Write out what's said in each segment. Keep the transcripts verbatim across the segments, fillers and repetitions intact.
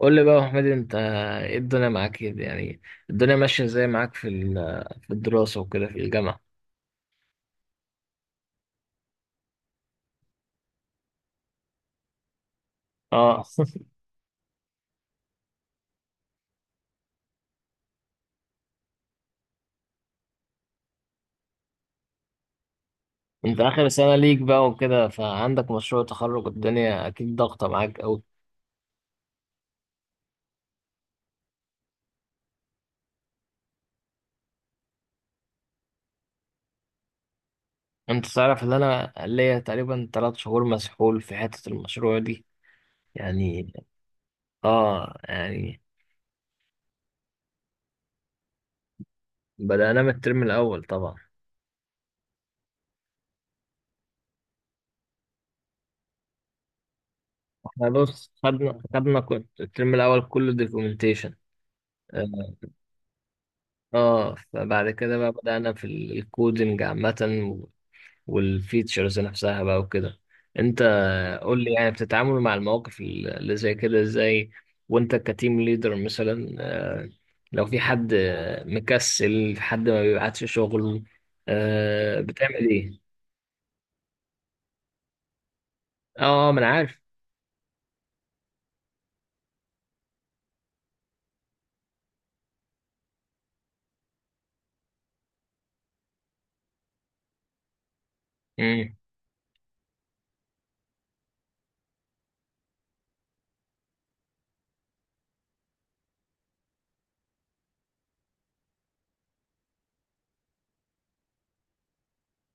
قول لي بقى يا حميد، انت ايه الدنيا معاك ايه يعني؟ الدنيا ماشية ازاي معاك في ال- في الدراسة وكده في الجامعة؟ اه انت اخر سنة ليك بقى وكده، فعندك مشروع تخرج، الدنيا اكيد ضاغطة معاك قوي. انت تعرف ان انا ليا تقريبا ثلاث شهور مسحول في حتة المشروع دي يعني. اه يعني. بدأنا من الترم الاول طبعا. احنا بص، خدنا خدنا كل- الترم الاول كله دوكيومنتيشن. اه. آه، فبعد كده بقى بدأنا في الكودينج عامة. والفيتشرز نفسها بقى وكده. انت قول لي يعني بتتعامل مع المواقف اللي زي كده ازاي وانت كتيم ليدر مثلا، آه، لو في حد مكسل، في حد ما بيبعتش شغل، آه، بتعمل ايه؟ اه، اه، ما انا عارف. امم.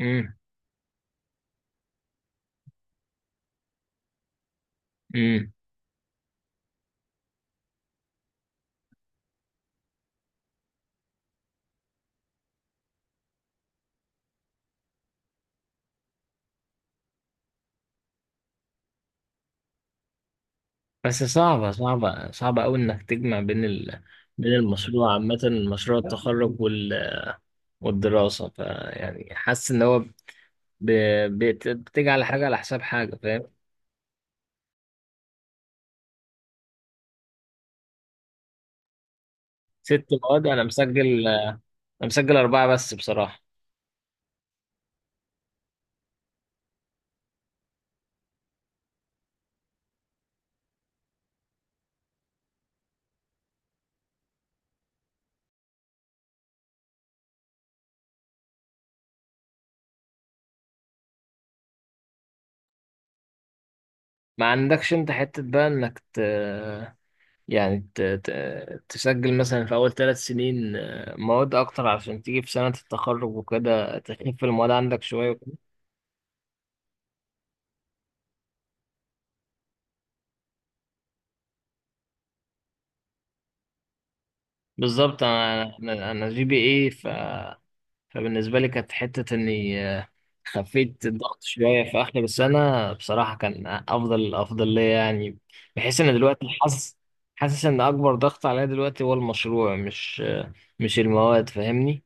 امم. امم. بس صعبة صعبة صعبة قوي انك تجمع بين ال... بين المشروع عامة، مشروع التخرج وال... والدراسة. فيعني حاسس ان هو ب... بت... بتيجي على حاجة على حساب حاجة، فاهم؟ ست مواد؟ انا مسجل انا مسجل اربعه بس بصراحه. ما عندكش انت حته بقى انك ت... يعني ت... ت... تسجل مثلا في اول ثلاث سنين آه، مواد اكتر، عشان تيجي في سنه التخرج وكده تخف المواد عندك شويه وكده. بالظبط، انا انا أنا جي بي اي، ف فبالنسبة لي كانت حتة إني آه، خفيت الضغط شوية في آخر السنة بصراحة، كان أفضل أفضل ليا يعني. بحيث إن دلوقتي حاسس، حاسس إن أكبر ضغط عليا دلوقتي هو المشروع، مش آه، مش المواد، فاهمني؟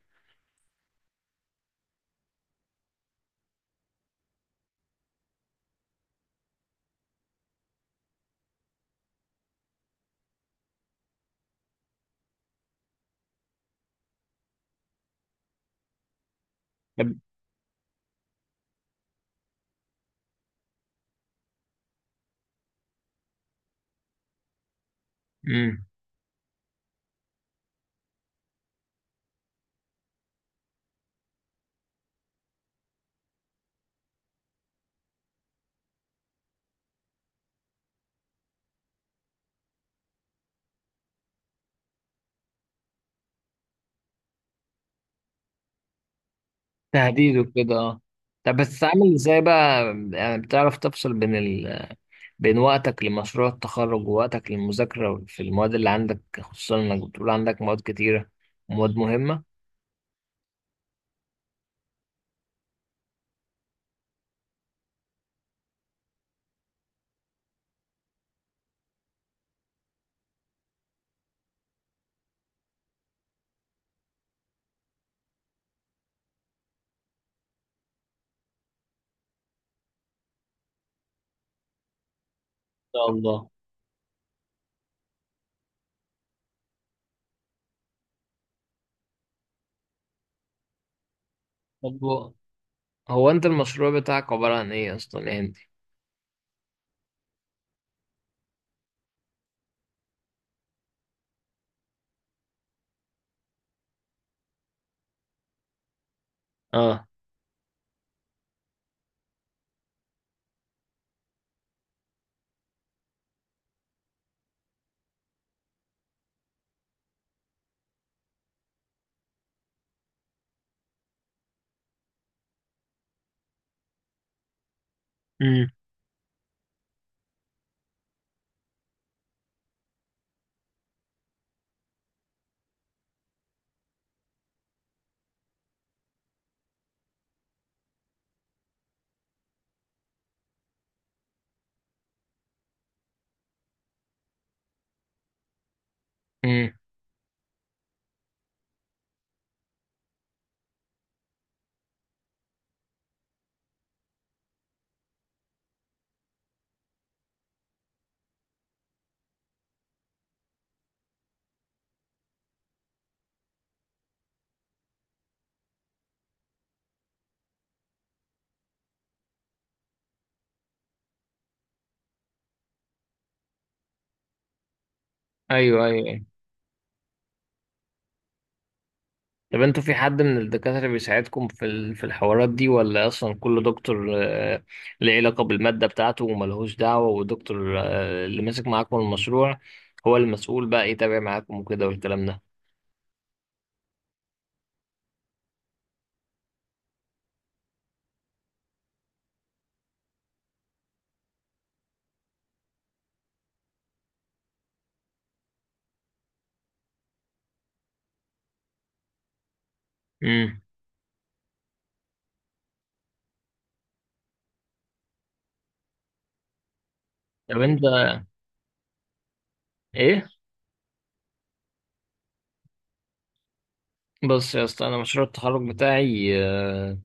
طب- مم. تهديد وكده، اه. طب بتتعامل ازاي بقى؟ يعني بتعرف تفصل بين ال... بين وقتك لمشروع التخرج ووقتك للمذاكرة في المواد اللي عندك، خصوصا انك بتقول عندك مواد كتيرة ومواد مهمة ان شاء الله. طب، هو انت المشروع بتاعك عبارة عن ايه اصلا يا هندي؟ اه. امم. امم. ايوه، ايوه، ايوه. طب انتوا في حد من الدكاترة بيساعدكم في ال- في الحوارات دي، ولا اصلا كل دكتور آه، ليه علاقة بالمادة بتاعته وملهوش دعوة، والدكتور آه، اللي ماسك معاكم المشروع هو المسؤول بقى يتابع معاكم وكده والكلام ده؟ امم. طب انت ايه؟ بص يا اسطى، انا مشروع التخرج بتاعي آه،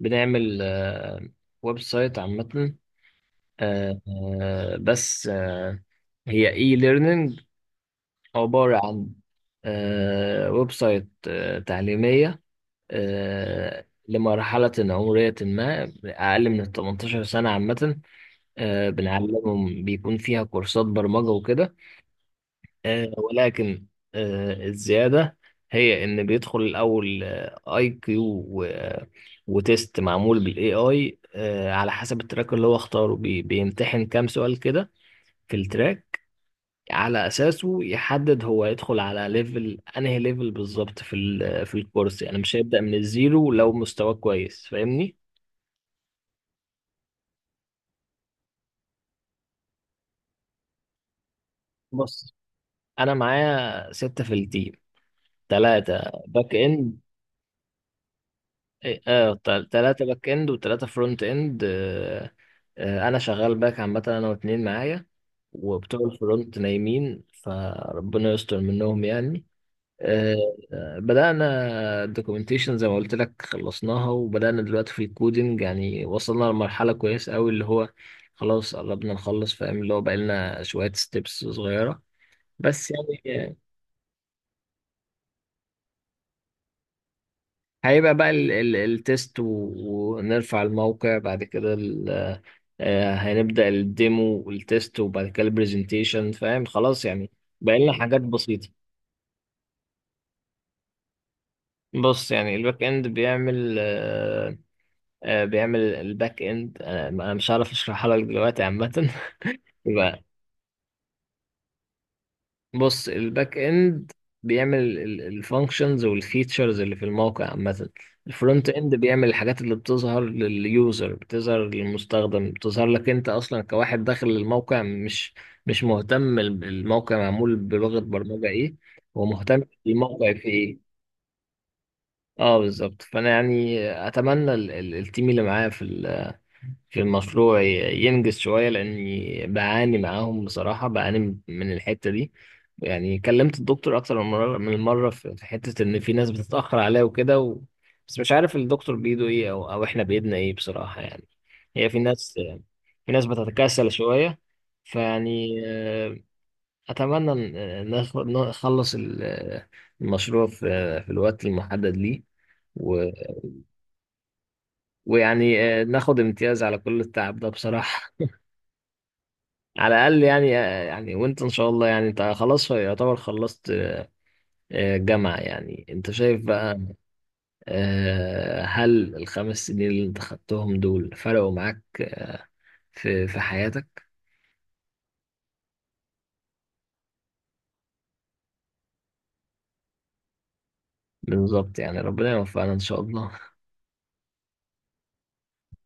بنعمل آه، ويب سايت عامة، آه، آه، بس آه، هي اي ليرنينج عبارة عن آه، ويب سايت آه، تعليمية آه، لمرحلة عمرية ما أقل من ال تمنتاشر سنة عامة. آه، بنعلمهم، بيكون فيها كورسات برمجة وكده، آه، ولكن آه، الزيادة هي إن بيدخل الأول أي كيو وتيست معمول بالاي اي آه، على حسب التراك اللي هو اختاره، بي- بيمتحن كام سؤال كده في التراك، على اساسه يحدد هو يدخل على ليفل انهي ليفل بالظبط في ال- في الكورس، يعني مش هيبدأ من الزيرو لو مستواه كويس، فاهمني؟ بص، انا معايا ستة في التيم، ثلاثة باك اند. اه. ثلاثة باك اند وثلاثة فرونت اند. آه، آه، انا شغال باك عامة، انا واتنين معايا، وبتوع الفرونت نايمين فربنا يستر منهم يعني. آه، بدأنا الدوكيومنتيشن زي ما قلت لك، خلصناها وبدأنا دلوقتي في الكودينج، يعني وصلنا لمرحلة كويسة أوي، اللي هو خلاص قربنا نخلص فاهم، اللي هو بقالنا شوية ستيبس صغيرة بس يعني. آه، هيبقى بقى ال- ال- التست و- ونرفع الموقع، بعد كده ال- آه، هنبدأ الديمو والتست، وبعد كده البرزنتيشن فاهم خلاص يعني، بقالنا حاجات بسيطة. بص، يعني الباك اند بيعمل آه، آه، بيعمل الباك اند، انا أنا مش هعرف اشرحها لك دلوقتي عامه. يبقى، بص الباك اند بيعمل الفانكشنز والفيتشرز اللي في الموقع عامه. الفرونت اند بيعمل الحاجات اللي بتظهر لليوزر، بتظهر للمستخدم، بتظهر لك انت اصلا كواحد داخل الموقع، مش مش مهتم ال- الموقع معمول بلغه برمجه ايه، هو مهتم الموقع في ايه. اه بالظبط، فانا يعني اتمنى ال- ال- التيم اللي معايا في ال في المشروع ي- ينجز شوية، لأني بعاني معاهم بصراحة، بعاني من الحتة دي يعني. كلمت الدكتور أكتر من مرة من مرة في في حتة إن في ناس بتتأخر عليا وكده و... بس مش عارف الدكتور بإيده إيه أو أو إحنا بإيدنا إيه بصراحة يعني. هي في ناس، في ناس بتتكاسل شوية، فيعني آه، أتمنى إن- إن نخ- نخلص ال- المشروع في في الوقت المحدد ليه و... ويعني آه، ناخد امتياز على كل التعب ده بصراحة على الاقل يعني. يعني وانت ان شاء الله، يعني انت خلاص يعتبر خلصت آه، جامعة، يعني انت شايف بقى، آه، هل الخمس سنين اللي انت خدتهم دول فرقوا معاك في في حياتك؟ بالظبط يعني، ربنا يوفقنا ان شاء الله.